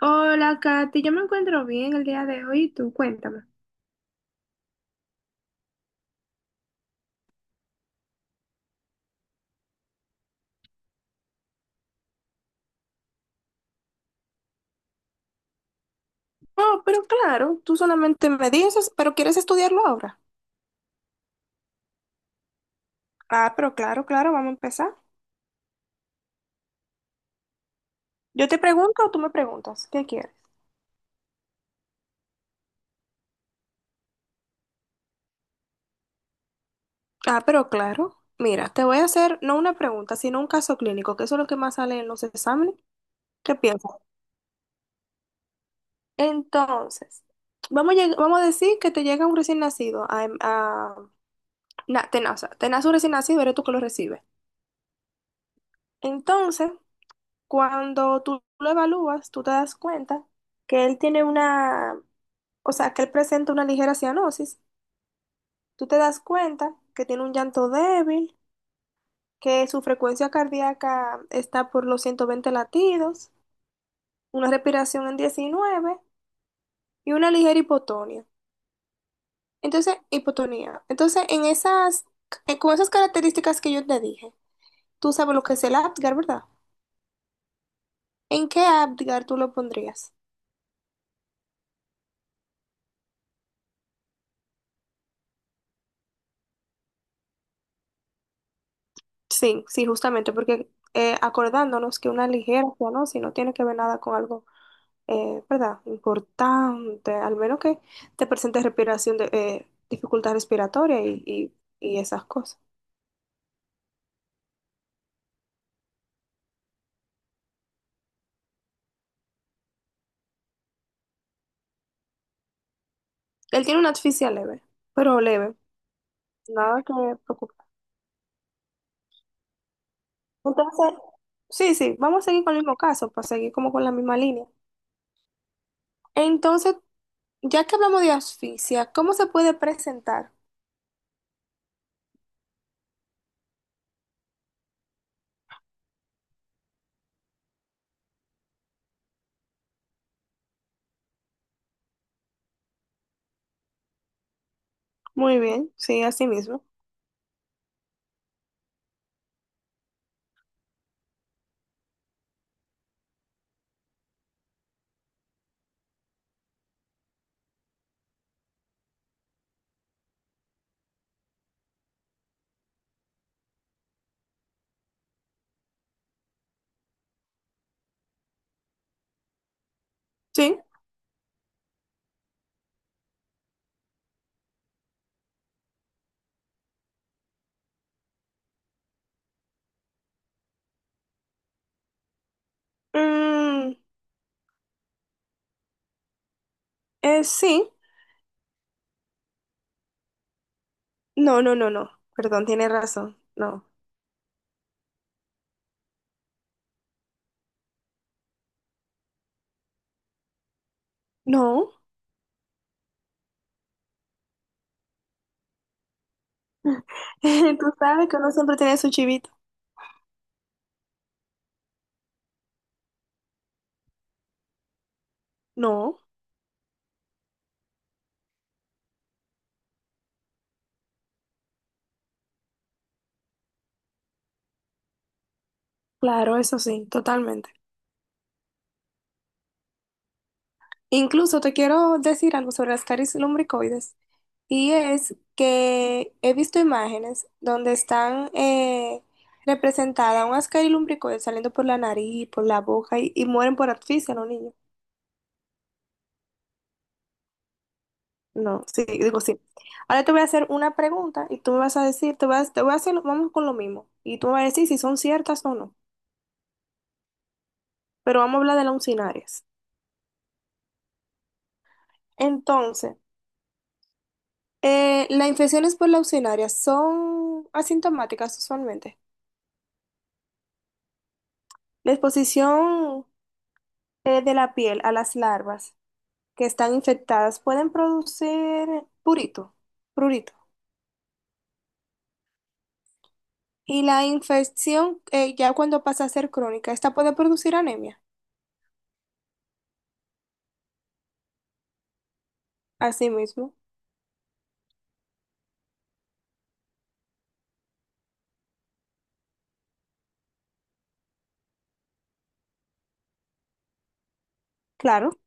Hola, Katy, yo me encuentro bien el día de hoy. Tú cuéntame. Oh, pero claro, tú solamente me dices, pero ¿quieres estudiarlo ahora? Ah, pero claro, claro, vamos a empezar. Yo te pregunto o tú me preguntas, ¿qué quieres? Ah, pero claro, mira, te voy a hacer no una pregunta, sino un caso clínico, que eso es lo que más sale en los exámenes. ¿Qué piensas? Entonces, vamos a, vamos a decir que te llega un recién nacido a, te nace, un recién nacido, eres tú que lo recibes. Entonces, cuando tú lo evalúas, tú te das cuenta que él tiene una, o sea, que él presenta una ligera cianosis. Tú te das cuenta que tiene un llanto débil, que su frecuencia cardíaca está por los 120 latidos, una respiración en 19 y una ligera hipotonía. Entonces, hipotonía. Entonces, con esas características que yo te dije, tú sabes lo que es el Apgar, ¿verdad? ¿En qué Apgar tú lo pondrías? Sí, sí, justamente, porque acordándonos que una ligercia, ¿no? Si no tiene que ver nada con algo, ¿verdad? Importante, al menos que te presente respiración de dificultad respiratoria y esas cosas. Él tiene una asfixia leve, pero leve, nada que preocupar. Entonces, sí, sí, vamos a seguir con el mismo caso, para seguir como con la misma línea. Entonces, ya que hablamos de asfixia, ¿cómo se puede presentar? Muy bien, sí, así mismo. Sí. Mm, sí. No, no, no, no. Perdón, tiene razón. No. No. Tú sabes que uno siempre tiene su chivito. No. Claro, eso sí, totalmente. Incluso te quiero decir algo sobre las caries lumbricoides. Y es que he visto imágenes donde están representadas unas caries lumbricoides saliendo por la nariz, por la boca y mueren por asfixia los niños. No, sí, digo sí. Ahora te voy a hacer una pregunta y tú me vas a decir, te vas, te voy a hacer, vamos con lo mismo. Y tú me vas a decir si son ciertas o no. Pero vamos a hablar de leucinarias. Entonces, las infecciones por leucinaria son asintomáticas usualmente. La exposición de la piel a las larvas que están infectadas pueden producir purito, prurito. Y la infección, ya cuando pasa a ser crónica, esta puede producir anemia. Asimismo, claro.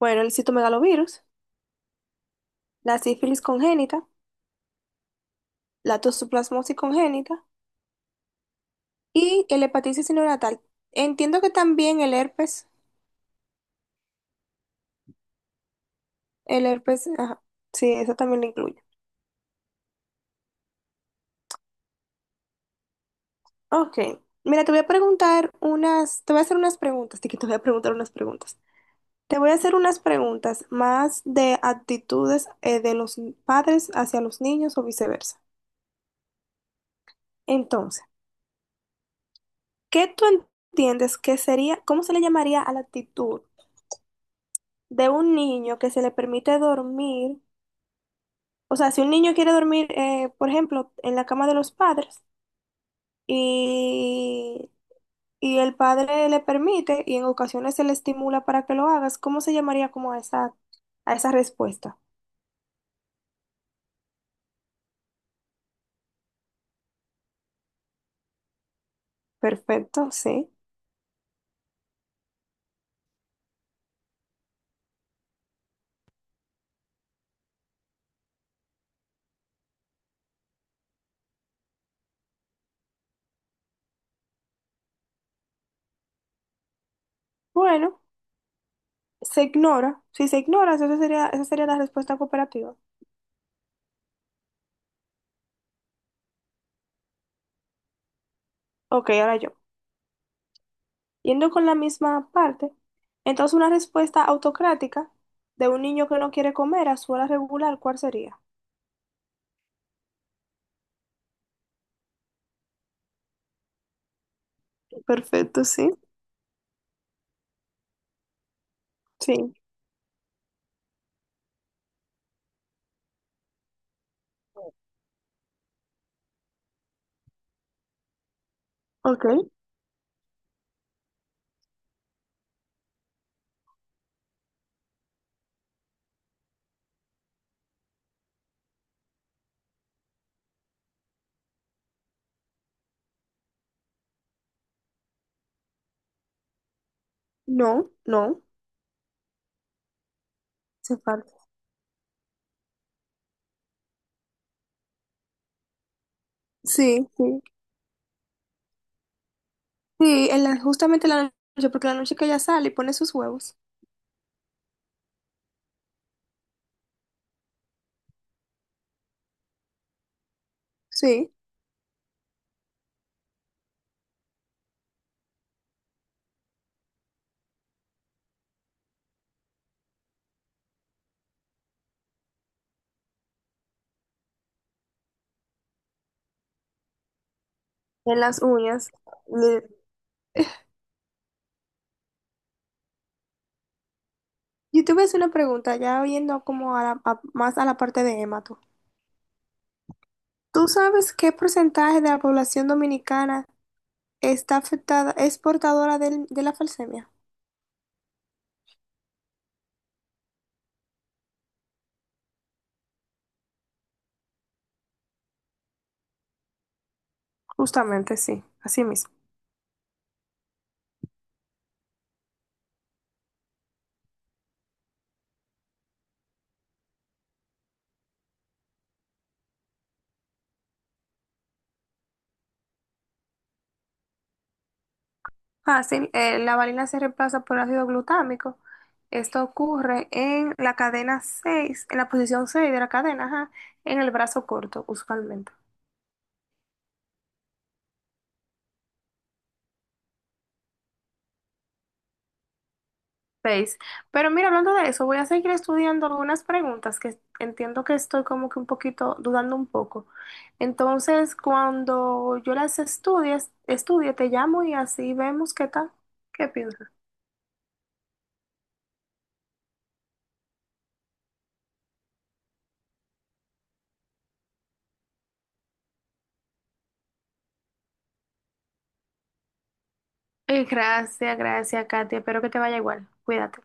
Bueno, el citomegalovirus, la sífilis congénita, la toxoplasmosis congénita y el hepatitis neonatal. Entiendo que también el herpes. El herpes, ajá. Sí, eso también lo incluye. Ok. Mira, te voy a preguntar unas, te voy a hacer unas preguntas, Tiki, te voy a preguntar unas preguntas. Te voy a hacer unas preguntas más de actitudes de los padres hacia los niños o viceversa. Entonces, ¿qué tú entiendes que sería, cómo se le llamaría a la actitud de un niño que se le permite dormir? O sea, si un niño quiere dormir, por ejemplo, en la cama de los padres y el padre le permite y en ocasiones se le estimula para que lo hagas, ¿cómo se llamaría como a esa respuesta? Perfecto, sí. Bueno, se ignora. Si se ignora, esa sería la respuesta cooperativa. Ok, ahora yo. Yendo con la misma parte, entonces una respuesta autocrática de un niño que no quiere comer a su hora regular, ¿cuál sería? Perfecto, sí. Sí. Ok. No, no, se falta. Sí, sí. Sí, justamente en la noche, porque la noche que ella sale y pone sus huevos. Sí, en las uñas. Le- Yo te voy a hacer una pregunta, ya viendo como más a la parte de Emma, tú. ¿Tú sabes qué porcentaje de la población dominicana está afectada, es portadora de la falsemia? Justamente, sí, así mismo. Fácil, la valina se reemplaza por ácido glutámico. Esto ocurre en la cadena 6, en la posición 6 de la cadena, ajá, en el brazo corto, usualmente. Seis. Pero mira, hablando de eso, voy a seguir estudiando algunas preguntas que entiendo que estoy como que un poquito dudando un poco. Entonces, cuando yo estudie, te llamo y así vemos qué tal. ¿Qué piensas? Gracias, gracias, Katia. Espero que te vaya igual. Cuídate.